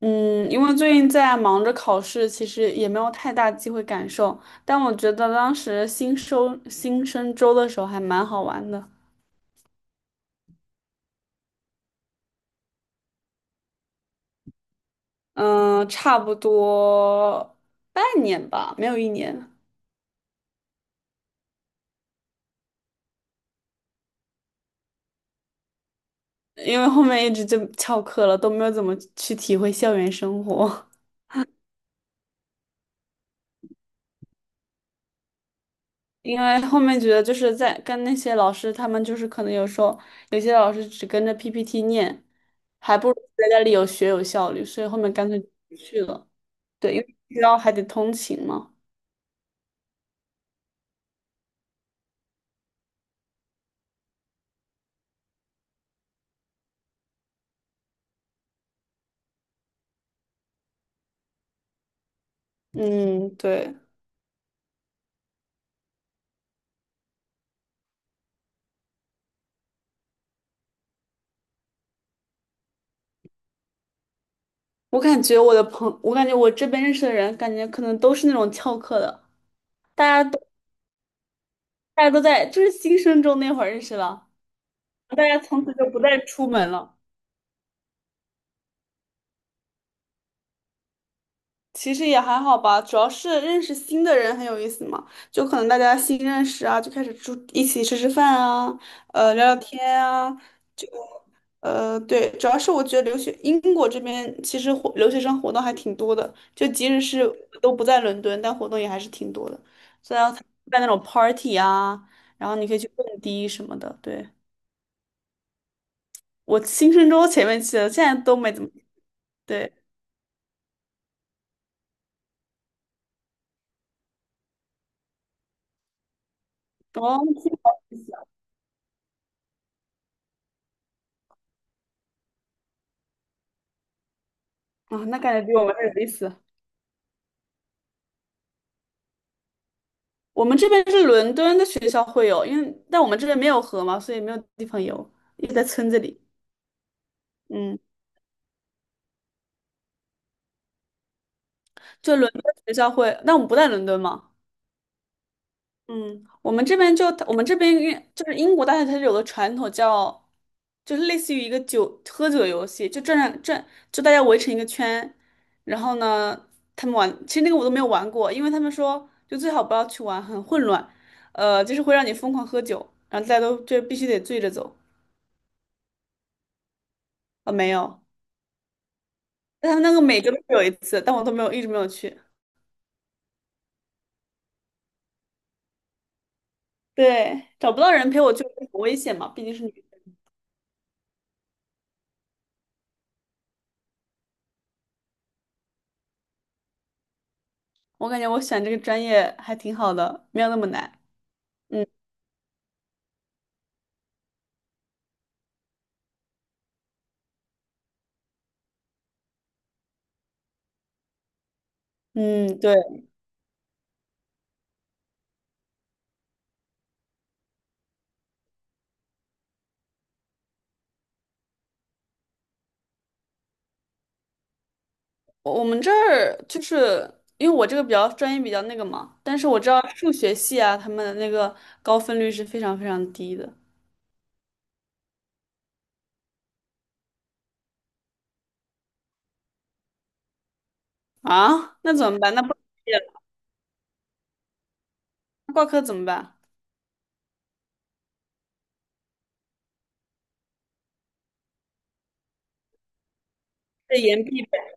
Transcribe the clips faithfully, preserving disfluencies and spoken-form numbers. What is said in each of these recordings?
嗯，因为最近在忙着考试，其实也没有太大机会感受。但我觉得当时新收新生周的时候还蛮好玩的。嗯，差不多半年吧，没有一年。因为后面一直就翘课了，都没有怎么去体会校园生活。因为后面觉得就是在跟那些老师，他们就是可能有时候有些老师只跟着 P P T 念，还不如在家里有学有效率，所以后面干脆不去了。对，因为然后还得通勤嘛。嗯，对，我感觉我的朋，我感觉我这边认识的人，感觉可能都是那种翘课的。大家都大家都在就是新生中那会儿认识了，大家从此就不再出门了。其实也还好吧，主要是认识新的人很有意思嘛，就可能大家新认识啊，就开始住一起吃吃饭啊，呃，聊聊天啊。就呃，对，主要是我觉得留学英国这边其实活留学生活动还挺多的，就即使是都不在伦敦，但活动也还是挺多的，虽然要参加那种 party 啊，然后你可以去蹦迪什么的。对，我新生周前面去的，现在都没怎么，对。哦，那挺好意思啊。啊，那感觉比我们还有意思。我们这边是伦敦的学校会有，因为但我们这边没有河嘛，所以没有地方游，一直在村子里。嗯，就伦敦学校会，但我们不在伦敦嘛。嗯，我们这边就我们这边因就是英国大学，它是有个传统叫，就是类似于一个酒喝酒游戏，就转转，就大家围成一个圈，然后呢，他们玩。其实那个我都没有玩过，因为他们说就最好不要去玩，很混乱。呃，就是会让你疯狂喝酒，然后大家都就必须得醉着走。啊、没有。但他们那个每个都有一次，但我都没有，一直没有去。对，找不到人陪我去很危险嘛，毕竟是女的。我感觉我选这个专业还挺好的，没有那么难。嗯嗯，对，我我们这儿就是因为我这个比较专业比较那个嘛，但是我知道数学系啊，他们的那个高分率是非常非常低的。啊，那怎么办？那不毕业了那挂科怎么办？得延毕呗。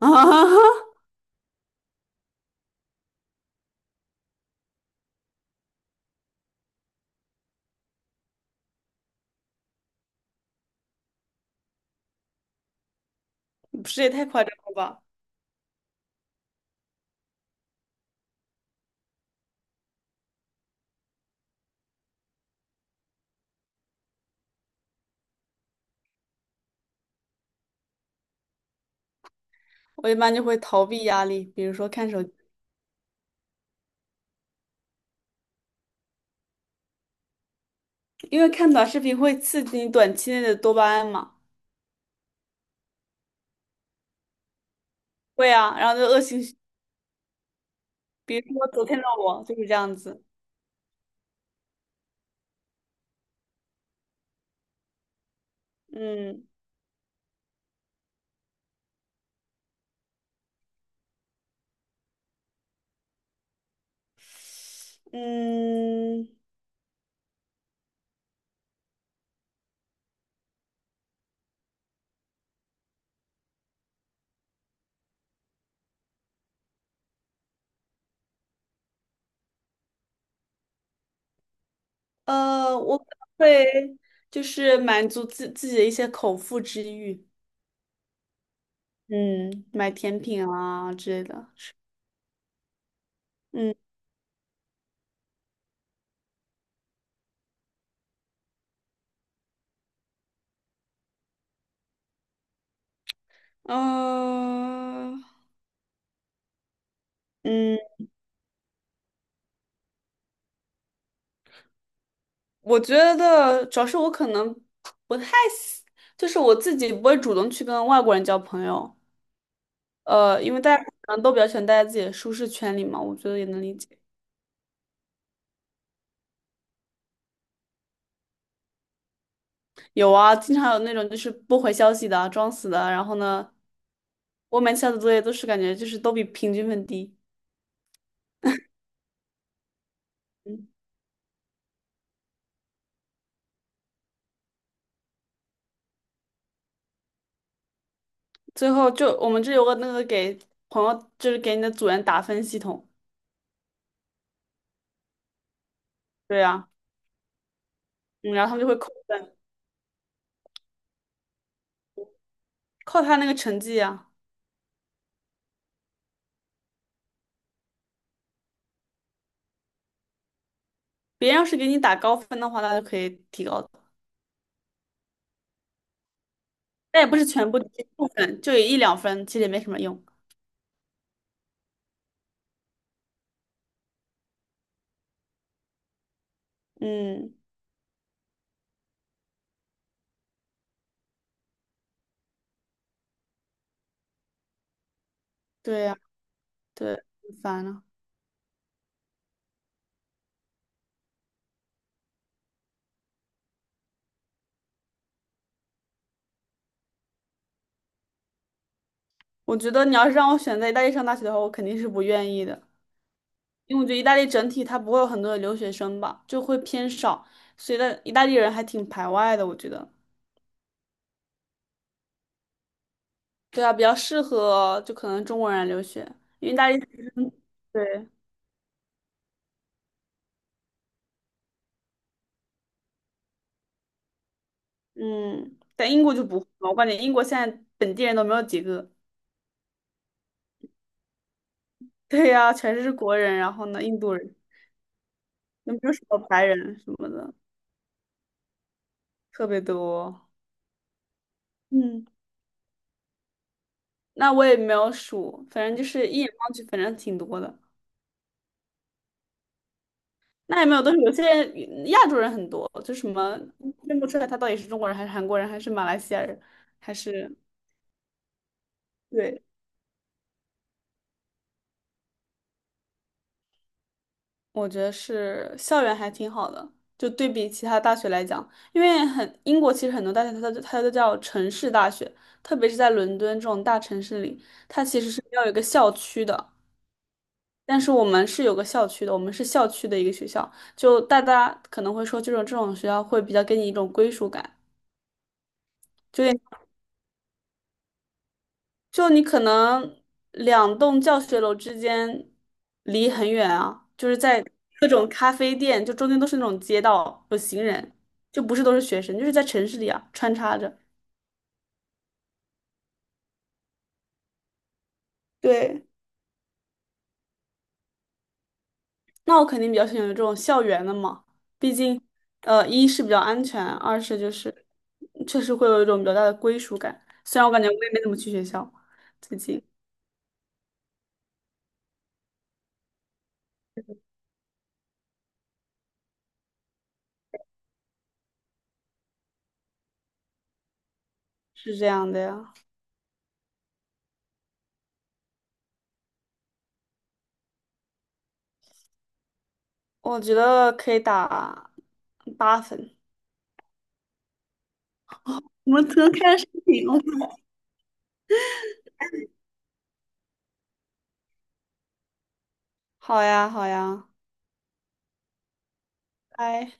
啊，不是也太夸张了吧？我一般就会逃避压力，比如说看手。机。因为看短视频会刺激你短期内的多巴胺嘛。会啊，然后就恶性循比如说昨天的我就是这样子。嗯嗯。呃，我可能会就是满足自自己的一些口腹之欲。嗯，买甜品啊之类的。嗯呃嗯，我觉得主要是我可能不太喜，就是我自己不会主动去跟外国人交朋友。呃，因为大家可能都比较喜欢待在自己的舒适圈里嘛，我觉得也能理解。有啊，经常有那种就是不回消息的啊，装死的啊，然后呢，我每次交的作业都是感觉就是都比平均分低。嗯，最后就我们这有个那个给朋友，就是给你的组员打分系统。对呀。嗯，然后他们就会扣分，扣他那个成绩啊。别人要是给你打高分的话，那就可以提高的。但也不是全部，一部分就有一两分，其实也没什么用。嗯，对呀，对，很烦啊。我觉得你要是让我选在意大利上大学的话，我肯定是不愿意的。因为我觉得意大利整体它不会有很多的留学生吧，就会偏少，所以的意大利人还挺排外的，我觉得。对啊，比较适合就可能中国人来留学，因为意大利学生对。嗯，但英国就不会嘛，我感觉英国现在本地人都没有几个。对呀、全是国人，然后呢，印度人，也没有什么白人什么的。特别多。嗯，那我也没有数，反正就是一眼望去，反正挺多的。那也没有都是有些人亚洲人很多，就什么认不出来他到底是中国人还是韩国人还是马来西亚人，还是对。我觉得是校园还挺好的，就对比其他大学来讲，因为很英国其实很多大学它都它都叫城市大学，特别是在伦敦这种大城市里，它其实是要有一个校区的。但是我们是有个校区的，我们是校区的一个学校，就大家可能会说，这种这种学校会比较给你一种归属感。就。就你可能两栋教学楼之间离很远啊，就是在各种咖啡店，就中间都是那种街道，有行人，就不是都是学生，就是在城市里啊穿插着。对，那我肯定比较喜欢这种校园的嘛。毕竟，呃，一是比较安全，二是就是确实会有一种比较大的归属感。虽然我感觉我也没怎么去学校，最近是这样的呀。我觉得可以打八分。我们可能看上身体了。好呀，好呀，拜。